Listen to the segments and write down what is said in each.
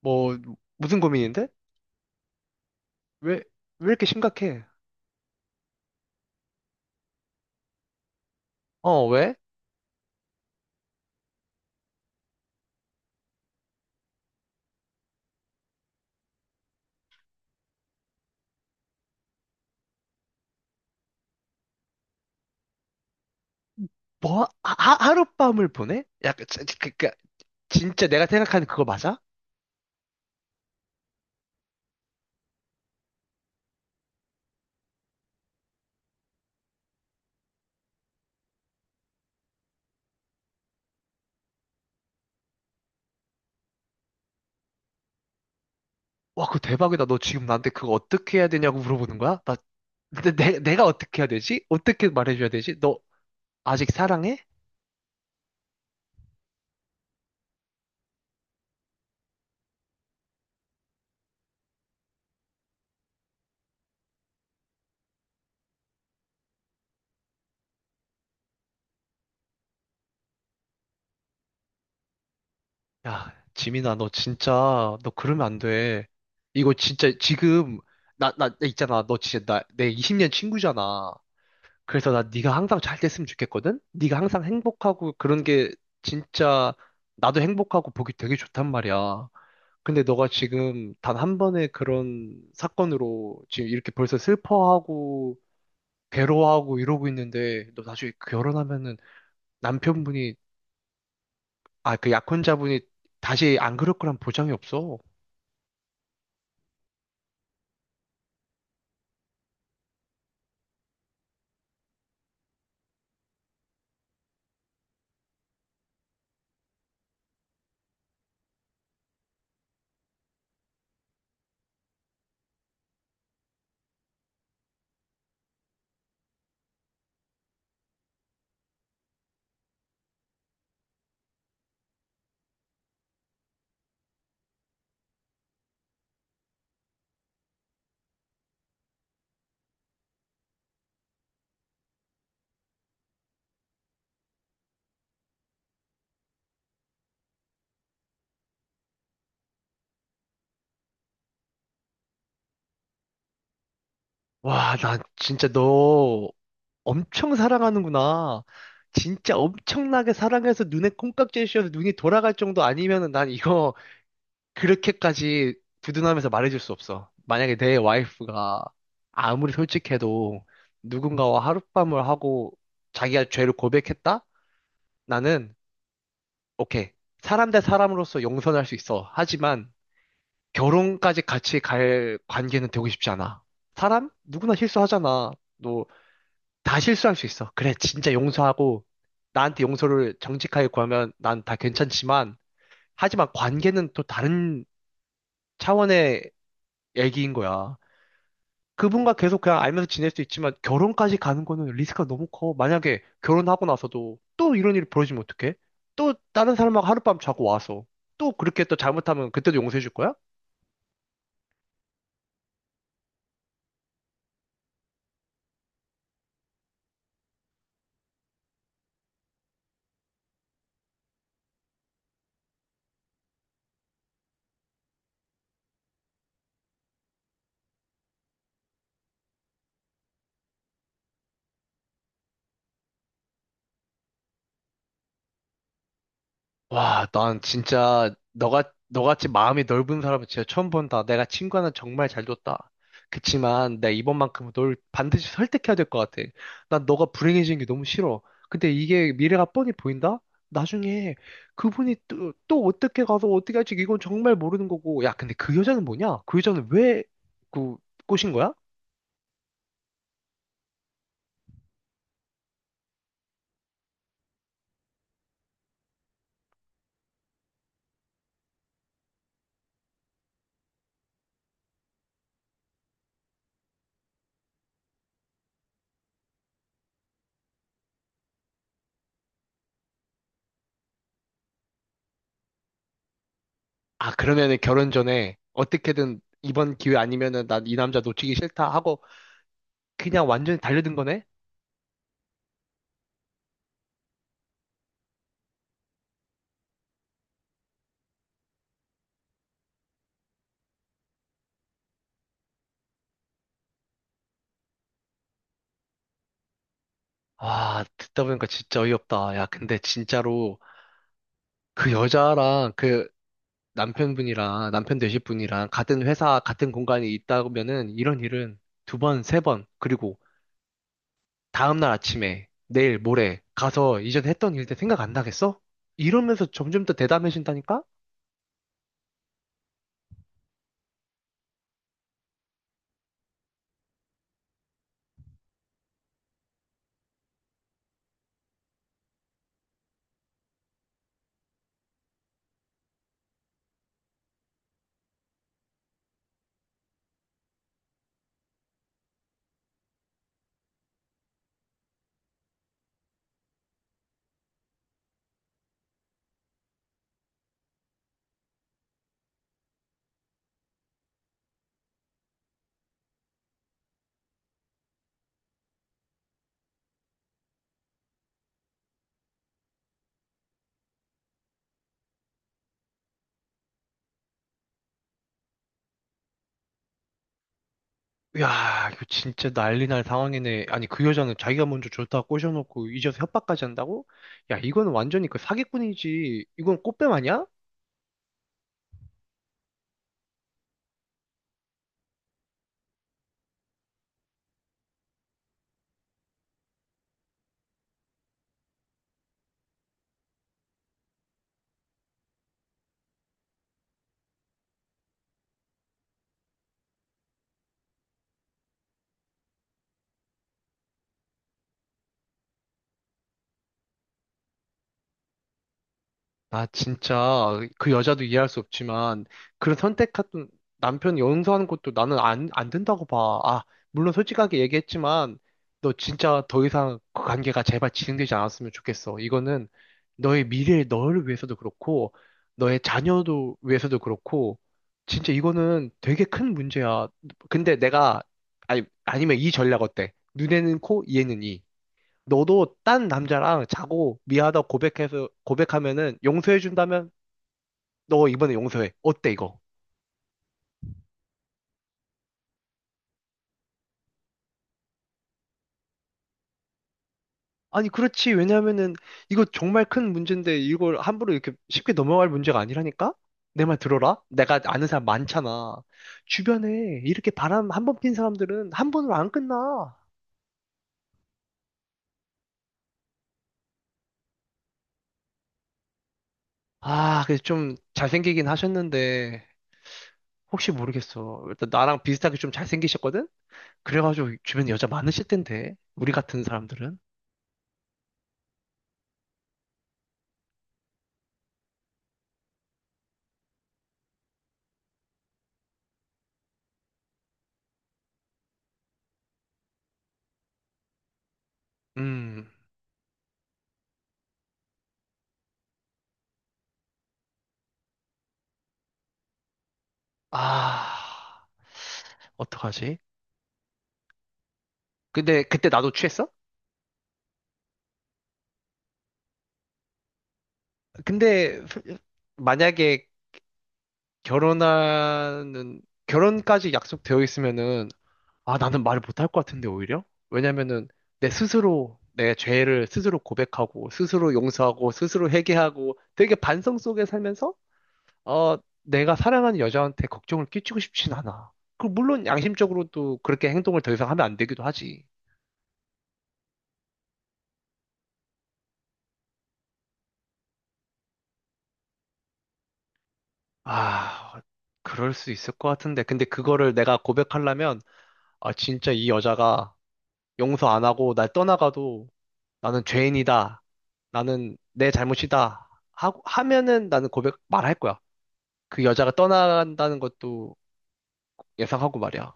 뭐, 무슨 고민인데? 왜, 왜 이렇게 심각해? 어, 왜? 뭐, 하룻밤을 보내? 약간, 그니까 진짜 내가 생각하는 그거 맞아? 와, 그거 대박이다. 너 지금 나한테 그거 어떻게 해야 되냐고 물어보는 거야? 나, 내가 어떻게 해야 되지? 어떻게 말해줘야 되지? 너 아직 사랑해? 야, 지민아, 너 진짜, 너 그러면 안 돼. 이거 진짜 지금, 나 있잖아. 너 진짜 나, 내 20년 친구잖아. 그래서 나 네가 항상 잘 됐으면 좋겠거든? 네가 항상 행복하고 그런 게 진짜 나도 행복하고 보기 되게 좋단 말이야. 근데 너가 지금 단 한 번의 그런 사건으로 지금 이렇게 벌써 슬퍼하고 괴로워하고 이러고 있는데 너 나중에 결혼하면은 남편분이, 아, 그 약혼자분이 다시 안 그럴 거란 보장이 없어. 와, 나 진짜 너 엄청 사랑하는구나. 진짜 엄청나게 사랑해서 눈에 콩깍지를 씌워서 눈이 돌아갈 정도 아니면은 난 이거 그렇게까지 두둔하면서 말해줄 수 없어. 만약에 내 와이프가 아무리 솔직해도 누군가와 하룻밤을 하고 자기가 죄를 고백했다? 나는, 오케이. 사람 대 사람으로서 용서할 수 있어. 하지만 결혼까지 같이 갈 관계는 되고 싶지 않아. 사람? 누구나 실수하잖아. 너 다 실수할 수 있어. 그래, 진짜 용서하고, 나한테 용서를 정직하게 구하면 난 다 괜찮지만, 하지만 관계는 또 다른 차원의 얘기인 거야. 그분과 계속 그냥 알면서 지낼 수 있지만, 결혼까지 가는 거는 리스크가 너무 커. 만약에 결혼하고 나서도 또 이런 일이 벌어지면 어떡해? 또 다른 사람하고 하룻밤 자고 와서, 또 그렇게 또 잘못하면 그때도 용서해 줄 거야? 와, 난 진짜 너가 너같이 마음이 넓은 사람은 진짜 처음 본다. 내가 친구 하나 정말 잘 뒀다. 그치만 내가 이번만큼은 널 반드시 설득해야 될 것 같아. 난 너가 불행해지는 게 너무 싫어. 근데 이게 미래가 뻔히 보인다? 나중에 그분이 또, 또 어떻게 가서 어떻게 할지 이건 정말 모르는 거고. 야, 근데 그 여자는 뭐냐? 그 여자는 왜 그 꼬신 거야? 아, 그러면은 결혼 전에 어떻게든 이번 기회 아니면은 난 이 남자 놓치기 싫다 하고 그냥 완전히 달려든 거네? 아, 듣다 보니까 진짜 어이없다. 야, 근데 진짜로 그 여자랑 그 남편분이랑 남편 되실 분이랑 같은 회사, 같은 공간에 있다면은 이런 일은 두 번, 세 번, 그리고 다음날 아침에 내일, 모레 가서 이전 했던 일들 생각 안 나겠어? 이러면서 점점 더 대담해진다니까? 야, 이거 진짜 난리 날 상황이네. 아니, 그 여자는 자기가 먼저 좋다고 꼬셔놓고 잊어서 협박까지 한다고? 야, 이거는 완전히 그 사기꾼이지. 이건 꽃뱀 아니야? 나 진짜 그 여자도 이해할 수 없지만 그런 선택했던 남편이 용서하는 것도 나는 안 된다고 봐. 아, 물론 솔직하게 얘기했지만 너 진짜 더 이상 그 관계가 제발 진행되지 않았으면 좋겠어. 이거는 너의 미래, 너를 위해서도 그렇고 너의 자녀도 위해서도 그렇고 진짜 이거는 되게 큰 문제야. 근데 내가 아니, 아니면 이 전략 어때? 눈에는 코, 이에는 이. 너도 딴 남자랑 자고 미안하다고 고백해서 고백하면은 용서해 준다면 너 이번에 용서해. 어때 이거? 아니 그렇지. 왜냐면은 이거 정말 큰 문제인데 이걸 함부로 이렇게 쉽게 넘어갈 문제가 아니라니까? 내 말 들어라. 내가 아는 사람 많잖아. 주변에 이렇게 바람 한 번 핀 사람들은 한 번으로 안 끝나. 아, 그래서 좀 잘생기긴 하셨는데 혹시 모르겠어. 일단 나랑 비슷하게 좀 잘생기셨거든? 그래가지고 주변에 여자 많으실 텐데. 우리 같은 사람들은. 음. 아, 어떡하지? 근데 그때 나도 취했어? 근데 만약에 결혼하는 결혼까지 약속되어 있으면은 아, 나는 말을 못할 것 같은데 오히려? 왜냐면은 내 스스로 내 죄를 스스로 고백하고 스스로 용서하고 스스로 회개하고 되게 반성 속에 살면서 어, 내가 사랑하는 여자한테 걱정을 끼치고 싶진 않아. 그 물론 양심적으로도 그렇게 행동을 더 이상 하면 안 되기도 하지. 아, 그럴 수 있을 것 같은데. 근데 그거를 내가 고백하려면, 아, 진짜 이 여자가 용서 안 하고 날 떠나가도 나는 죄인이다. 나는 내 잘못이다. 하고, 하면은 나는 고백 말할 거야. 그 여자가 떠나간다는 것도 예상하고 말이야.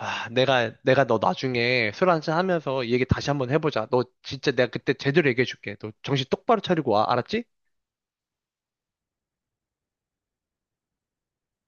아, 내가 너 나중에 술 한잔 하면서 이 얘기 다시 한번 해보자. 너 진짜 내가 그때 제대로 얘기해줄게. 너 정신 똑바로 차리고 와. 알았지?